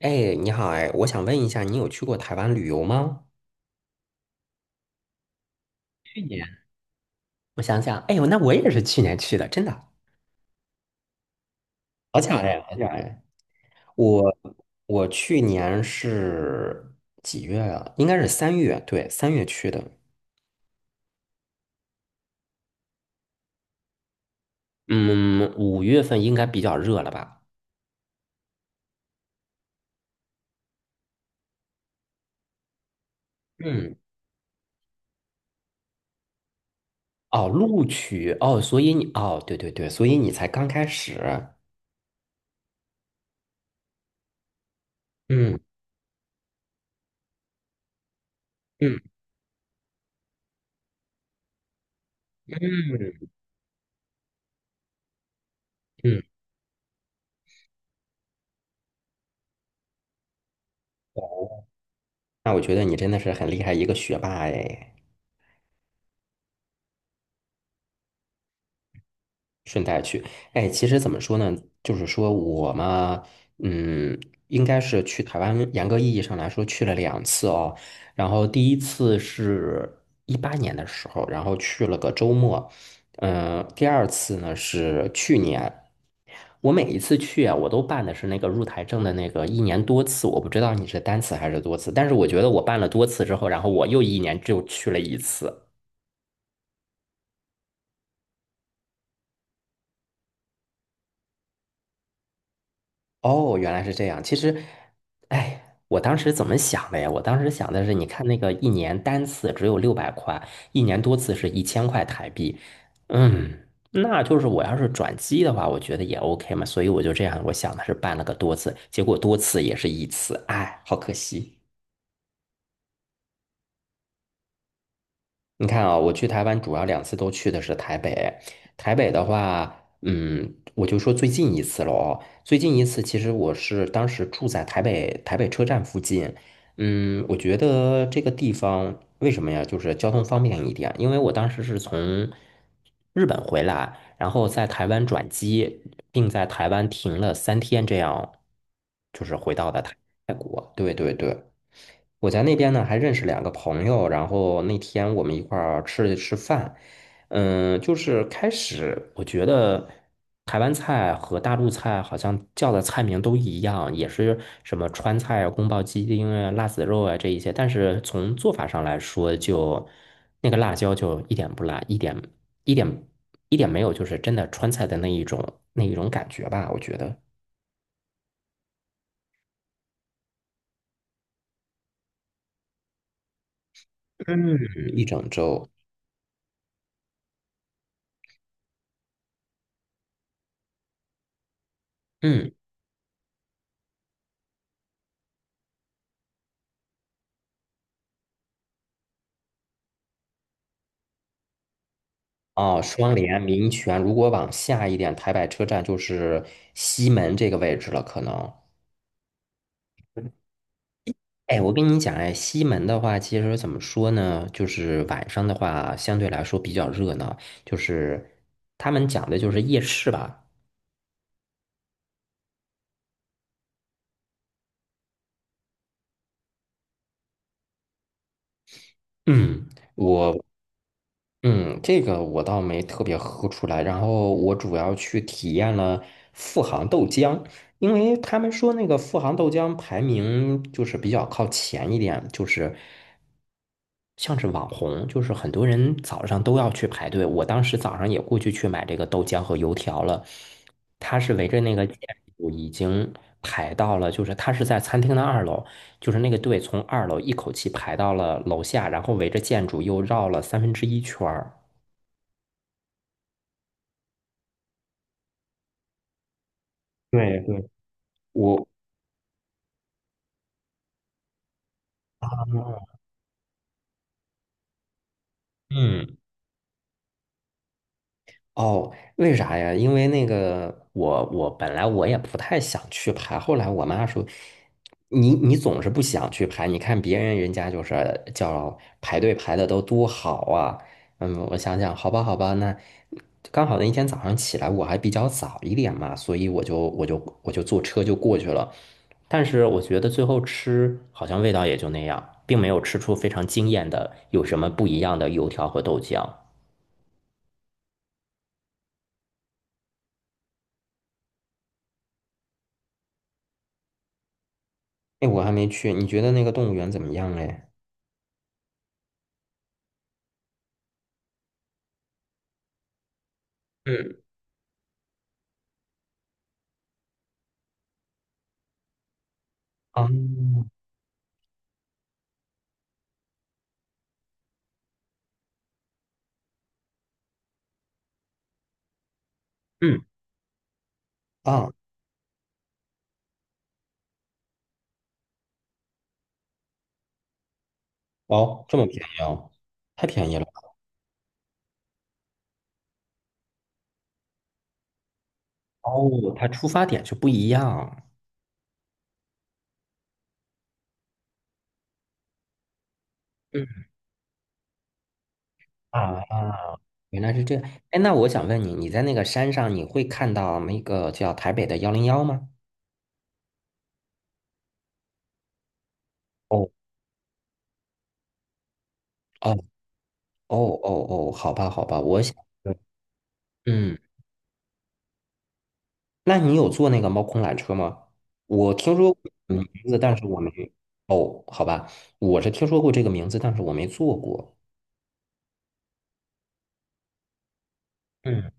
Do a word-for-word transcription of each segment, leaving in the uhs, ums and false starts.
哎，你好哎，我想问一下，你有去过台湾旅游吗？去年，我想想，哎呦，那我也是去年去的，真的，好巧哎，好巧哎！我我去年是几月啊？应该是三月，对，三月去的。嗯，五月份应该比较热了吧？嗯，哦，录取哦，所以你哦，对对对，所以你才刚开始。嗯嗯嗯，那我觉得你真的是很厉害一个学霸哎。顺带去，哎，其实怎么说呢？就是说我嘛，嗯，应该是去台湾，严格意义上来说去了两次哦。然后第一次是一八年的时候，然后去了个周末，嗯、第二次呢是去年。我每一次去啊，我都办的是那个入台证的那个一年多次，我不知道你是单次还是多次，但是我觉得我办了多次之后，然后我又一年就去了一次。哦，原来是这样。其实，哎，我当时怎么想的呀？我当时想的是，你看那个一年单次只有六百块，一年多次是一千块台币。嗯，那就是我要是转机的话，我觉得也 OK 嘛。所以我就这样，我想的是办了个多次，结果多次也是一次，哎，好可惜。你看啊，我去台湾主要两次都去的是台北。台北的话，嗯，我就说最近一次了哦。最近一次，其实我是当时住在台北台北车站附近。嗯，我觉得这个地方为什么呀？就是交通方便一点，因为我当时是从日本回来，然后在台湾转机，并在台湾停了三天，这样就是回到的台。泰国，对对对。我在那边呢还认识两个朋友，然后那天我们一块儿吃了吃饭，嗯，就是开始我觉得台湾菜和大陆菜好像叫的菜名都一样，也是什么川菜啊、宫保鸡丁啊、辣子肉啊这一些，但是从做法上来说就，那个辣椒就一点不辣，一点一点一点没有，就是真的川菜的那一种那一种感觉吧，我觉得，嗯，一整周，嗯。啊，双联民权，如果往下一点，台北车站就是西门这个位置了，可能。哎，我跟你讲，哎，西门的话，其实怎么说呢？就是晚上的话，相对来说比较热闹，就是他们讲的就是夜市吧。嗯，我嗯，这个我倒没特别喝出来，然后我主要去体验了富航豆浆，因为他们说那个富航豆浆排名就是比较靠前一点，就是像是网红，就是很多人早上都要去排队。我当时早上也过去去买这个豆浆和油条了，他是围着那个建筑已经排到了，就是他是在餐厅的二楼，就是那个队从二楼一口气排到了楼下，然后围着建筑又绕了三分之一圈儿。对对，我嗯，哦，为啥呀？因为那个我我本来我也不太想去排，后来我妈说，你你总是不想去排，你看别人人家就是叫排队排的都多好啊。嗯，我想想，好吧好吧，那刚好那一天早上起来我还比较早一点嘛，所以我就我就我就坐车就过去了。但是我觉得最后吃好像味道也就那样，并没有吃出非常惊艳的有什么不一样的油条和豆浆。哎，我还没去，你觉得那个动物园怎么样嘞？嗯啊，嗯啊，哦，这么便宜哦，太便宜了吧哦，它出发点是不一样。嗯，啊，原来是这样。哎，那我想问你，你在那个山上，你会看到那个叫台北的幺零幺吗？哦哦哦哦哦，好吧好吧，我想，嗯，那你有坐那个猫空缆车吗？我听说过这个名字，但是我没。哦，好吧，我是听说过这个名字，但是我没坐过。嗯。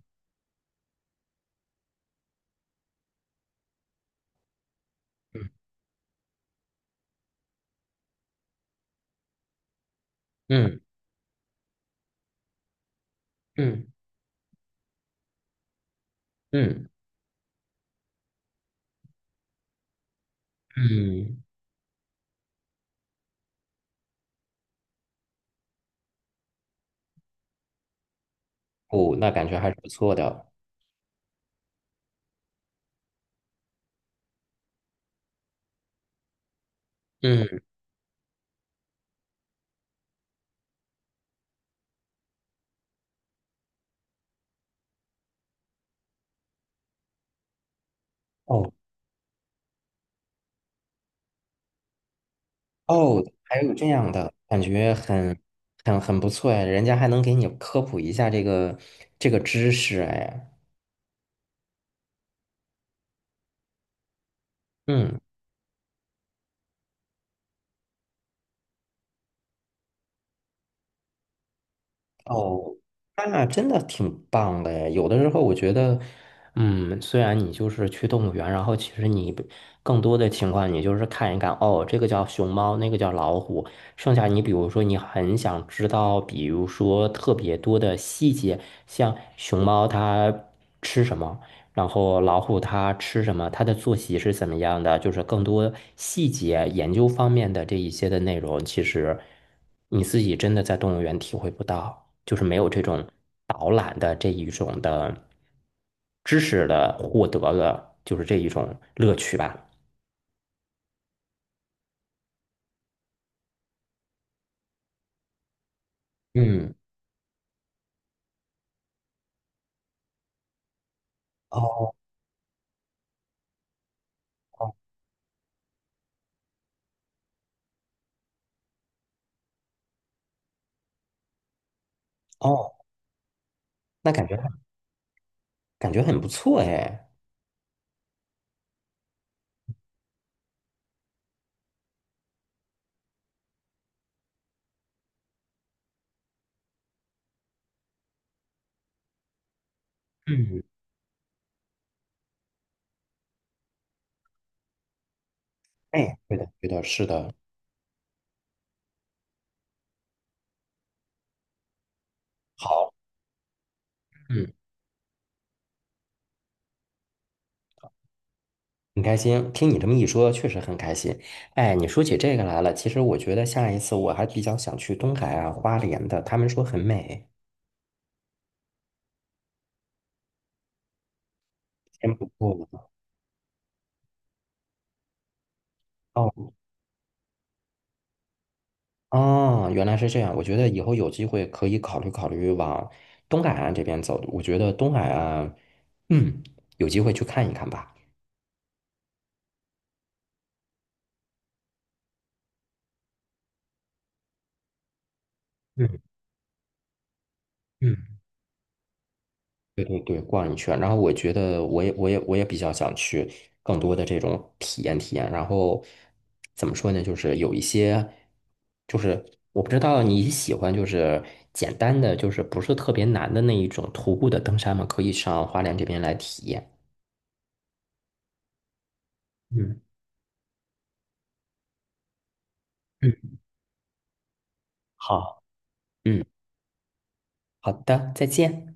嗯嗯嗯嗯，哦，那感觉还是不错的。嗯，哦哦，还有这样的感觉很很很不错哎，人家还能给你科普一下这个这个知识哎。嗯。哦，那真的挺棒的诶。有的时候我觉得，嗯，虽然你就是去动物园，然后其实你不更多的情况，你就是看一看，哦，这个叫熊猫，那个叫老虎。剩下你比如说你很想知道，比如说特别多的细节，像熊猫它吃什么，然后老虎它吃什么，它的作息是怎么样的，就是更多细节研究方面的这一些的内容，其实你自己真的在动物园体会不到。就是没有这种导览的这一种的知识的获得的，就是这一种乐趣吧。嗯，哦哦哦，那感觉感觉很不错哎。嗯，哎，对的对的，是的，好，嗯，很开心，听你这么一说，确实很开心。哎，你说起这个来了，其实我觉得下一次我还比较想去东海啊、花莲的，他们说很美，先不错了。哦。哦，原来是这样。我觉得以后有机会可以考虑考虑往东海岸这边走。我觉得东海岸，嗯，有机会去看一看吧。嗯嗯对对对，逛一圈。然后我觉得我也我也我也比较想去更多的这种体验体验。然后怎么说呢？就是有一些，就是我不知道你喜欢就是简单的，就是不是特别难的那一种徒步的登山吗？可以上花莲这边来体验。嗯嗯，好。嗯。好的，再见。